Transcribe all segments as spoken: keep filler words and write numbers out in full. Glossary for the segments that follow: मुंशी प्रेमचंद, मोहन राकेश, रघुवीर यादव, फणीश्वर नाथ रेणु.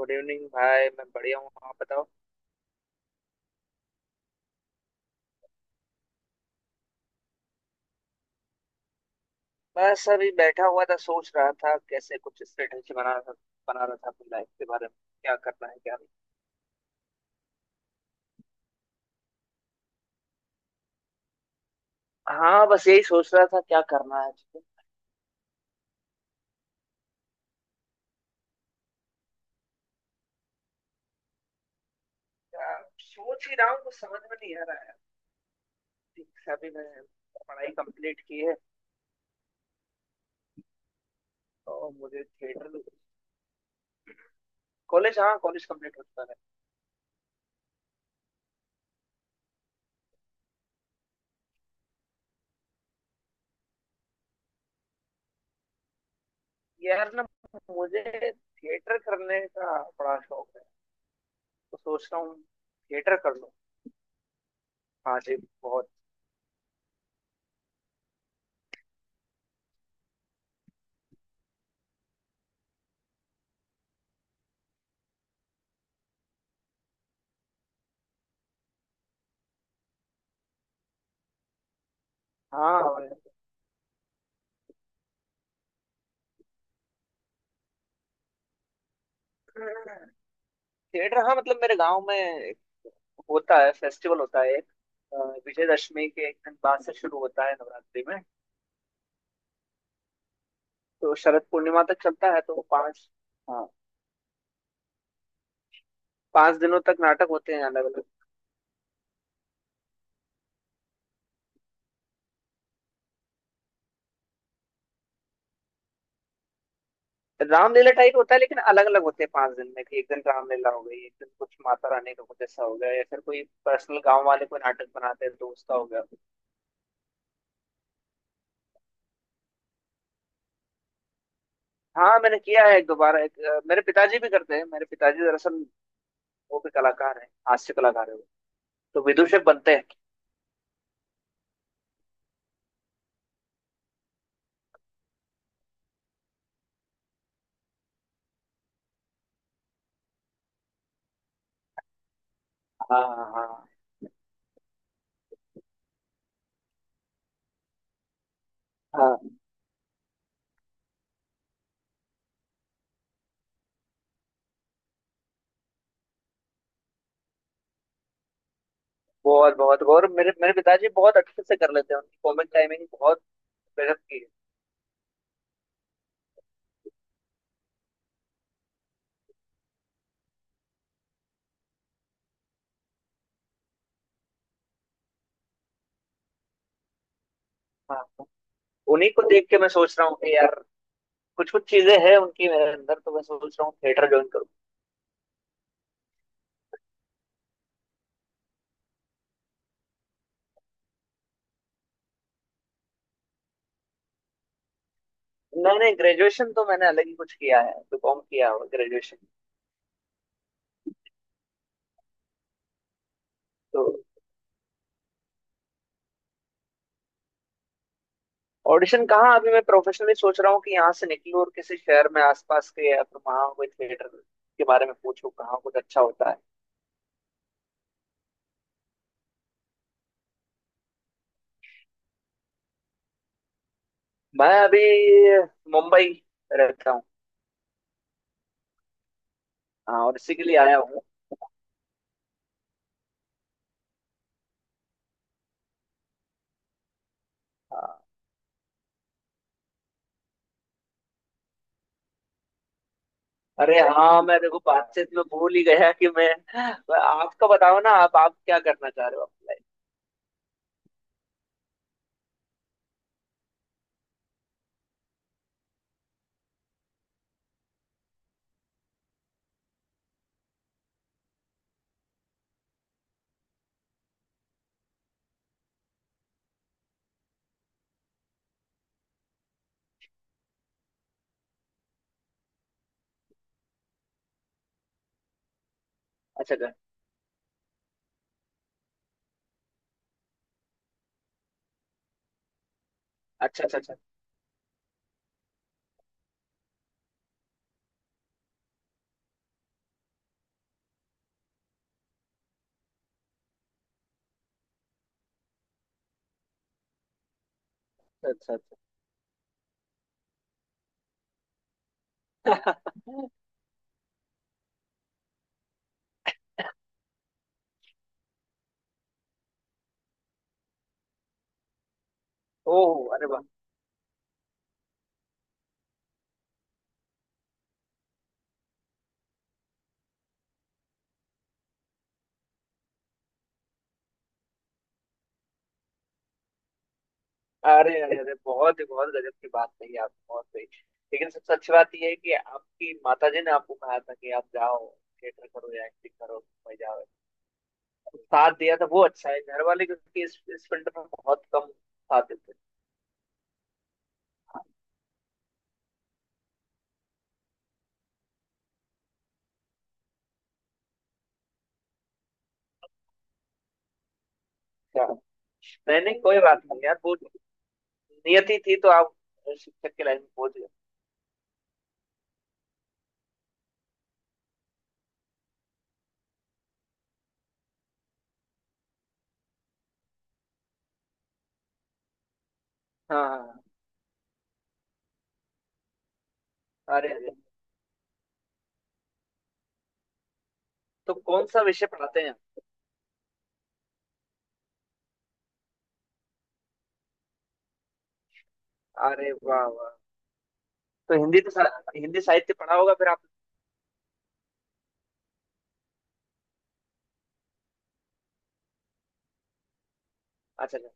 Good evening भाई, मैं बढ़िया हूँ। आप बताओ। बस अभी बैठा हुआ था, सोच रहा था कैसे कुछ स्ट्रेटजी बना रहा था बना रहा था अपनी लाइफ के बारे में। क्या करना है क्या नहीं। हाँ, बस यही सोच रहा था क्या करना है ठीक है। क्या- सोच ही रहा हूँ, कुछ समझ में नहीं आ रहा है ठीक से अभी। मैं पढ़ाई कंप्लीट की है, तो मुझे थिएटर। कॉलेज हाँ, कॉलेज कंप्लीट हो चुका है। यार ना, मुझे थिएटर करने का बड़ा शौक है। तो सोच रहा हूँ थिएटर कर लूँ। हाँ जी, बहुत। हाँ, थिएटर। हाँ, मतलब मेरे गांव में एक होता है, फेस्टिवल होता है एक, अ, विजयदशमी के एक दिन बाद से शुरू होता है नवरात्रि में। तो शरद पूर्णिमा तक चलता है, तो पांच। हाँ, पांच दिनों तक नाटक होते हैं अलग अलग। रामलीला टाइप होता है लेकिन अलग अलग होते हैं पांच दिन में, कि एक दिन रामलीला हो गई, एक दिन कुछ माता रानी का कुछ ऐसा हो गया, या फिर कोई पर्सनल गांव वाले कोई नाटक बनाते हैं, दोस्त का हो गया। हाँ, मैंने किया है एक, दोबारा एक, अ, मेरे पिताजी भी करते हैं। मेरे पिताजी दरअसल वो भी कलाकार हैं, हास्य कलाकार है वो, तो विदूषक बनते हैं। हाँ हाँ हाँ। बहुत बहुत, और मेरे मेरे पिताजी बहुत अच्छे से कर लेते हैं, उनकी कॉमिक टाइमिंग बहुत गजब की है। हाँ, उन्हीं को देख के मैं सोच रहा हूँ कि यार कुछ कुछ चीजें हैं उनकी मेरे अंदर, तो मैं सोच रहा हूँ थिएटर ज्वाइन करूँ। मैंने ग्रेजुएशन तो मैंने अलग ही कुछ किया है, बीकॉम किया हुआ ग्रेजुएशन। तो ऑडिशन कहाँ, अभी मैं प्रोफेशनली सोच रहा हूँ कि यहाँ से निकलूँ और किसी शहर में आसपास के या फिर वहाँ कोई थिएटर के बारे में पूछूँ कहाँ कुछ अच्छा होता है। मैं अभी मुंबई रहता हूँ। हाँ, और इसी के लिए आया हूँ। हाँ। अरे हाँ, मैं देखो बातचीत में भूल ही गया कि मैं। आपका बताओ ना, आप आप क्या करना चाह रहे हो अपनी लाइफ। अच्छा कर। अच्छा अच्छा अच्छा। अच्छा अच्छा अच्छा। ओह अरे वाह। अरे अरे अरे, बहुत ही बहुत गजब की बात कही आप, बहुत सही। लेकिन सबसे अच्छी बात यह है कि आपकी माताजी ने आपको कहा था कि आप जाओ थिएटर करो या एक्टिंग करो, भाई जाओ, साथ दिया था वो। अच्छा है घर वाले, क्योंकि इस इस फील्ड में बहुत कम साथ देते हैं। अच्छा। नहीं नहीं, कोई बात नहीं यार, वो नियति थी, तो आप शिक्षक की लाइन में पहुंच गए। हाँ हाँ। अरे अरे, तो कौन सा विषय पढ़ाते हैं आप? अरे वाह वाह। तो हिंदी तो सा, हिंदी साहित्य पढ़ा होगा फिर आप। अच्छा अच्छा।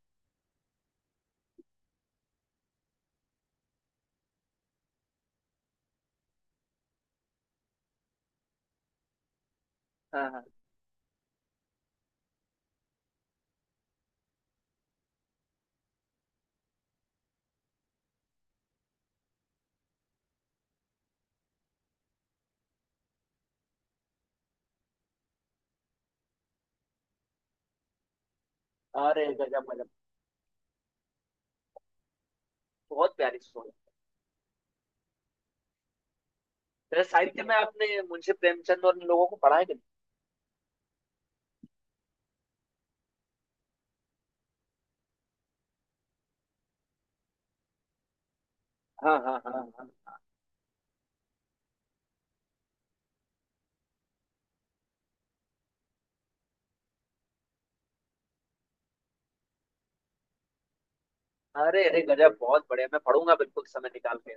हाँ हाँ। अरे गजब गजब। बहुत प्यारी सोच। फिर साहित्य में आपने मुंशी प्रेमचंद और इन लोगों को पढ़ा है कि नहीं। हाँ हाँ हाँ हाँ। अरे अरे गजब, बहुत बढ़िया, मैं पढ़ूंगा बिल्कुल समय निकाल के।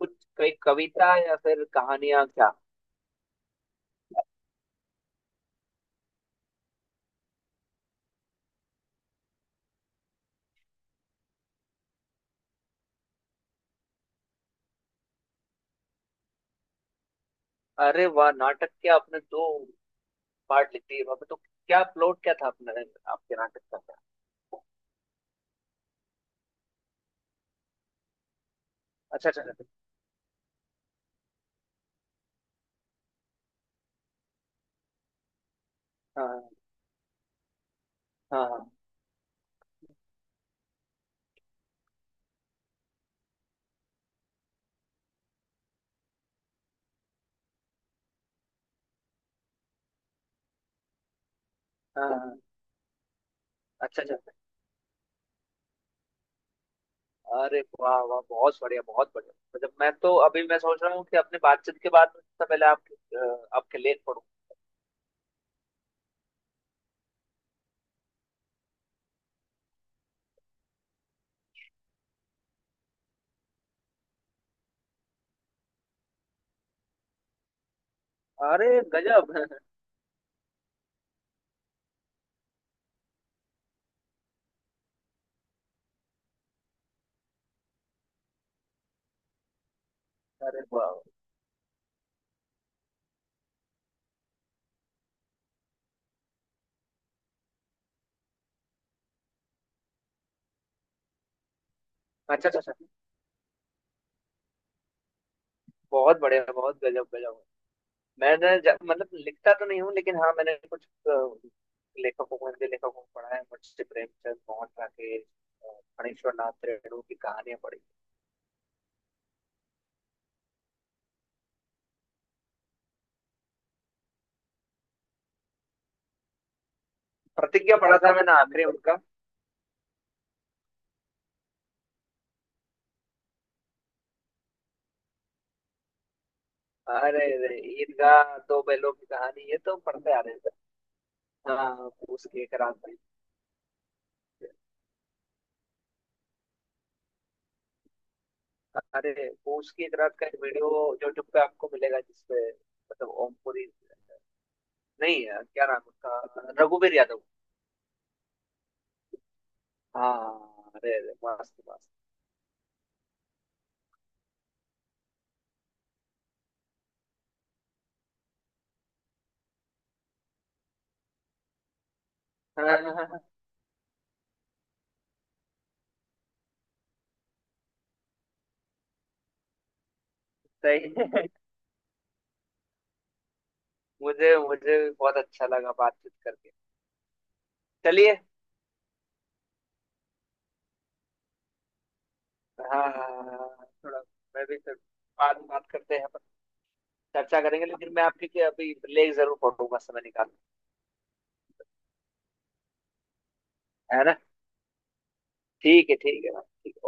कुछ कोई कविता या फिर कहानियां क्या। अरे वाह, नाटक के आपने दो पार्ट लिख दिए बाबा, तो क्या प्लॉट क्या था अपने, आपके नाटक का। अच्छा अच्छा अच्छा। हाँ हाँ हाँ हाँ हाँ, हाँ। अच्छा अच्छा। अरे वाह वाह, बहुत बढ़िया बहुत बढ़िया। मतलब मैं तो अभी मैं सोच रहा हूँ कि अपने बातचीत के बाद सबसे पहले आपके, अ, आपके लेख पढ़ूं। अरे गजब। अरे वाह वाह। अच्छा अच्छा अच्छा। बहुत बढ़िया, बहुत गजब गजब। मैंने ज- मतलब लिखता तो नहीं हूँ लेकिन हाँ, मैंने कुछ, अ, लेखकों को, हिंदी लेखकों को पढ़ा है, मुंशी प्रेमचंद, मोहन राकेश, अ, फणीश्वर नाथ रेणु की कहानियां पढ़ी। प्रतिज्ञा पढ़ा था मैंने आखिरी उनका। अरे रे, ईदगाह, दो बैलों की कहानी, ये तो पढ़ते आ रहे थे। हाँ, उसके एक रात में। अरे, वो उसकी रात का एक वीडियो यूट्यूब पे आपको मिलेगा, जिसपे मतलब ओमपुरी, नहीं है, क्या नाम उसका, रघुवीर यादव। हाँ, अरे अरे, मस्त मस्त। हाँ, सही है, मुझे मुझे भी बहुत अच्छा लगा बातचीत करके। चलिए। हाँ हाँ, हाँ, हाँ, थोड़ा। मैं भी फिर बाद में बात करते हैं अपन, चर्चा करेंगे। लेकिन मैं आपके लिए अभी ब्रेक जरूर पढ़ूंगा समय निकाल के, है ना। ठीक है ठीक है भाई, ठीक है।